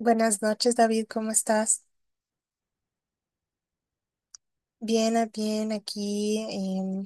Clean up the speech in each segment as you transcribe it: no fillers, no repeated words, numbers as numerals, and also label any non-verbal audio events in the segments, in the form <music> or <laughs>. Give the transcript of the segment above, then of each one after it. Buenas noches, David, ¿cómo estás? Bien, bien, aquí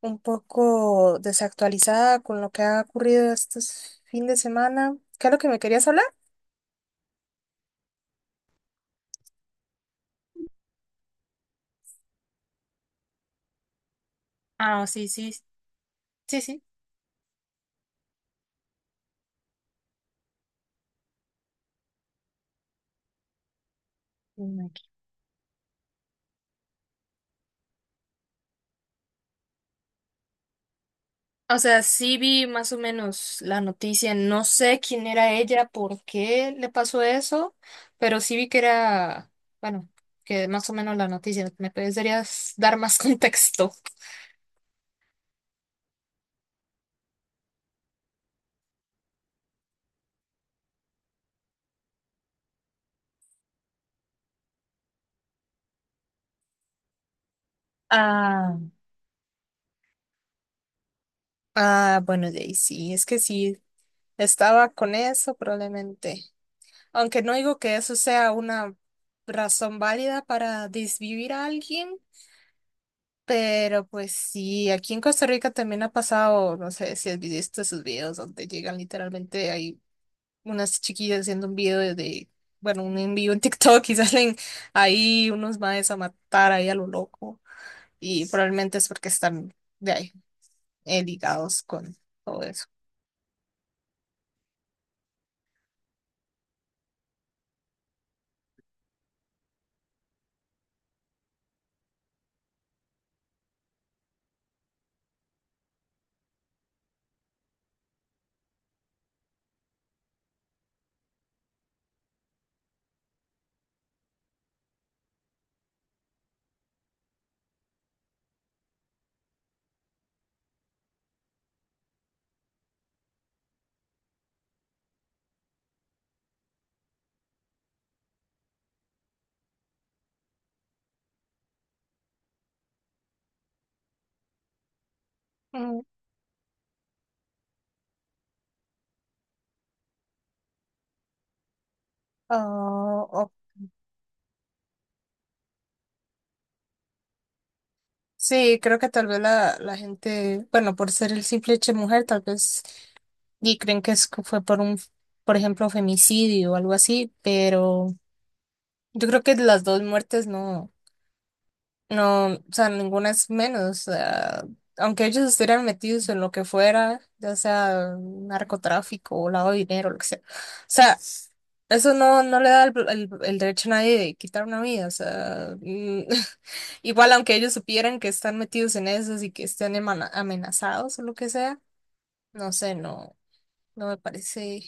un poco desactualizada con lo que ha ocurrido estos fin de semana. ¿Qué es lo que me querías hablar? Ah, sí, sí, sí, sí. Aquí. O sea, sí vi más o menos la noticia. No sé quién era ella, por qué le pasó eso, pero sí vi que era, bueno, que más o menos la noticia. ¿Me podrías dar más <laughs> contexto? Ah, ah, bueno, de ahí sí, es que sí. Estaba con eso probablemente. Aunque no digo que eso sea una razón válida para desvivir a alguien, pero pues sí, aquí en Costa Rica también ha pasado, no sé si has visto esos videos donde llegan literalmente, hay unas chiquillas haciendo un video bueno, un envío en TikTok y <laughs> salen ahí unos maes a matar ahí a lo loco. Y probablemente es porque están de ahí, ligados con todo eso. Mm, ah, sí, creo que tal vez la gente, bueno, por ser el simple hecho de mujer, tal vez y creen que es, que fue por un, por ejemplo, femicidio o algo así, pero yo creo que las dos muertes no. No, o sea, ninguna es menos. O sea, aunque ellos estuvieran metidos en lo que fuera, ya sea narcotráfico o lavado de dinero, lo que sea. O sea, eso no, no le da el derecho a nadie de quitar una vida. O sea, mm, <laughs> igual aunque ellos supieran que están metidos en eso y que estén amenazados o lo que sea, no sé, no, no me parece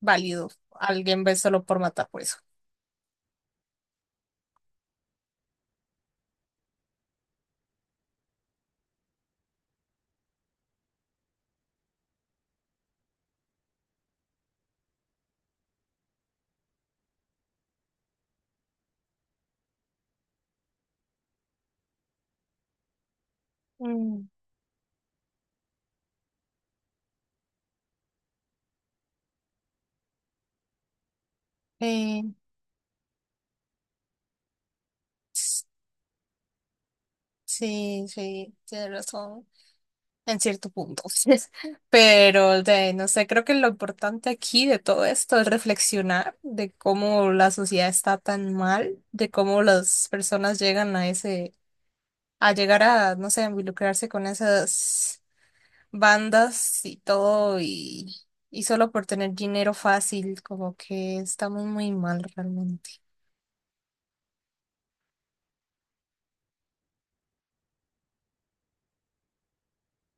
válido. Alguien ve solo por matar por eso. Mm. Eh, s- sí, sí, tienes razón. En cierto punto. <laughs> Pero de, no sé, creo que lo importante aquí de todo esto es reflexionar de cómo la sociedad está tan mal, de cómo las personas llegan a ese a llegar a, no sé, involucrarse con esas bandas y todo y solo por tener dinero fácil, como que estamos muy mal realmente.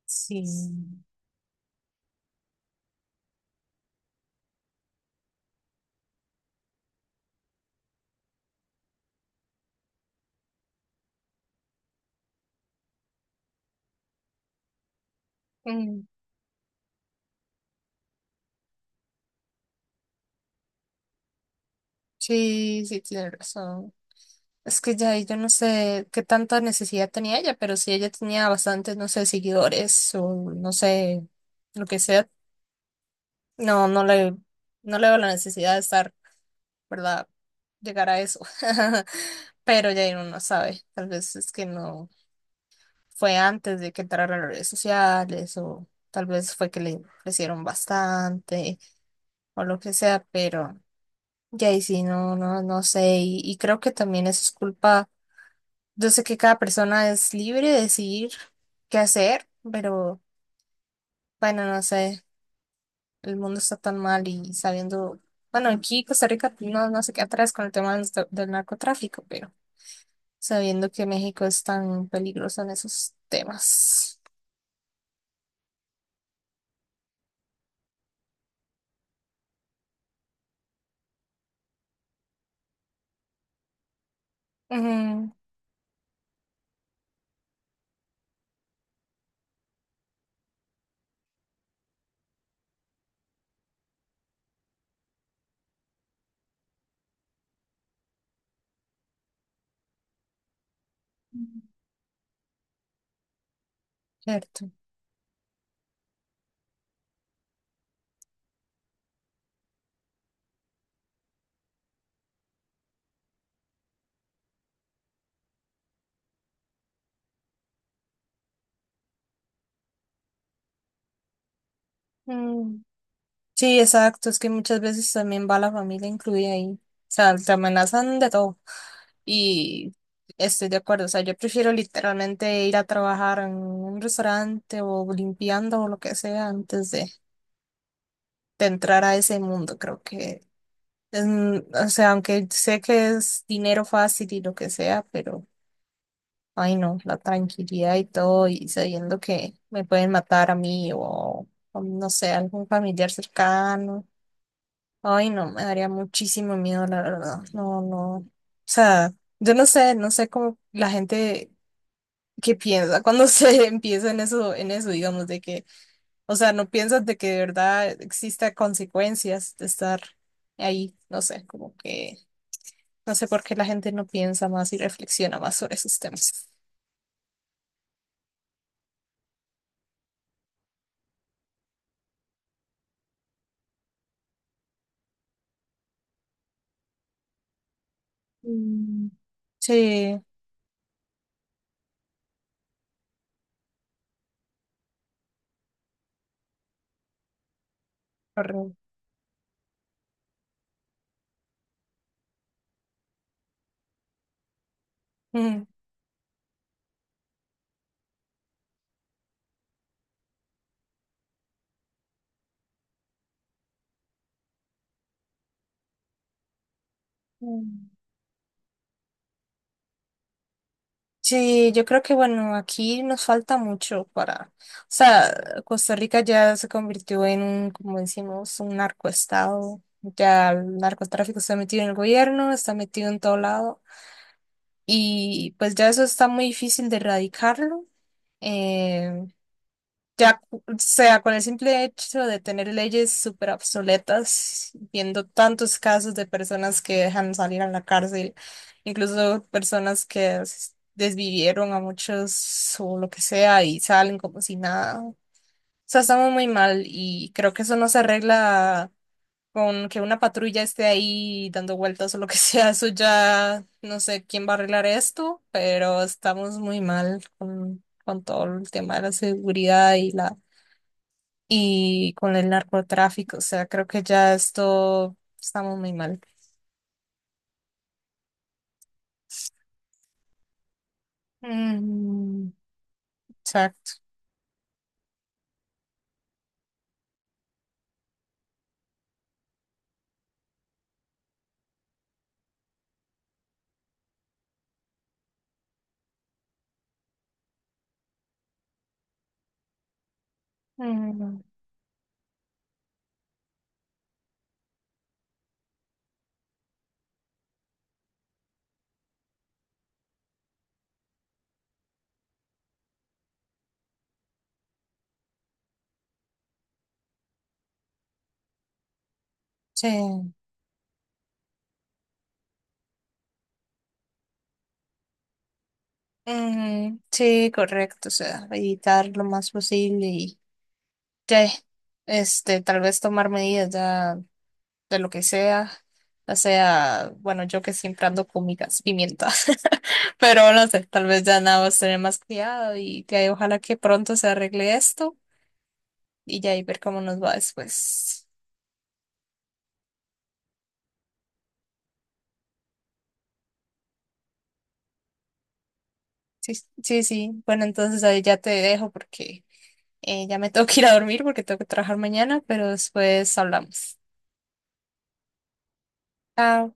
Sí. Mm. Sí, sí, tiene razón. Es que ya yo no sé qué tanta necesidad tenía ella, pero si ella tenía bastantes, no sé, seguidores o no sé, lo que sea, no, no le, no le veo la necesidad de estar. ¿Verdad? Llegar a eso. <laughs> Pero ya uno no sabe. Tal vez es que no fue antes de que entrara a las redes sociales o tal vez fue que le ofrecieron bastante o lo que sea, pero ya ahí sí, no, no, no sé. Y creo que también eso es culpa. Yo sé que cada persona es libre de decidir qué hacer, pero bueno, no sé. El mundo está tan mal y sabiendo, bueno, aquí Costa Rica no, no se queda atrás con el tema del narcotráfico, pero sabiendo que México es tan peligroso en esos temas. Ujú, cierto. Mm. Sí, exacto, es que muchas veces también va la familia incluida ahí. O sea, te amenazan de todo. Y estoy de acuerdo, o sea, yo prefiero literalmente ir a trabajar en un restaurante o limpiando o lo que sea antes de entrar a ese mundo. Creo que, es, mm, o sea, aunque sé que es dinero fácil y lo que sea, pero ay, no, la tranquilidad y todo, y sabiendo que me pueden matar a mí o no sé, algún familiar cercano. Ay, no, me daría muchísimo miedo, la verdad. No, no. O sea, yo no sé, no sé cómo la gente que piensa cuando <laughs> se empieza en eso, digamos, de que, o sea, no piensas de que de verdad exista consecuencias de estar ahí. No sé, como que, no sé por qué la gente no piensa más y reflexiona más sobre esos temas. Mm. Sí. Correcto. Mm, mm. Sí, yo creo que bueno, aquí nos falta mucho para, o sea, Costa Rica ya se convirtió en un, como decimos, un narcoestado. Ya el narcotráfico está metido en el gobierno, está metido en todo lado y pues ya eso está muy difícil de erradicarlo. Eh, Ya, o sea, con el simple hecho de tener leyes súper obsoletas, viendo tantos casos de personas que dejan salir a la cárcel, incluso personas que desvivieron a muchos o lo que sea y salen como si nada. O sea, estamos muy mal y creo que eso no se arregla con que una patrulla esté ahí dando vueltas o lo que <laughs> sea. Eso ya no sé quién va a arreglar esto, pero estamos muy mal con todo el tema de la seguridad y la y con el narcotráfico. O sea, creo que ya esto estamos muy mal. Mm, exacto. Mm, sí. Mm, sí, correcto. O sea, evitar lo más posible y ya, este, tal vez tomar medidas ya de lo que sea. O sea, bueno, yo que siempre ando con mi gas pimienta, <laughs> pero no sé, tal vez ya nada más tener más cuidado y ya, ojalá que pronto se arregle esto y ya y ver cómo nos va después. Sí, sí, sí. Bueno, entonces ahí ya te dejo porque ya me <laughs> tengo que ir a dormir porque tengo que trabajar mañana, pero después hablamos. Chao.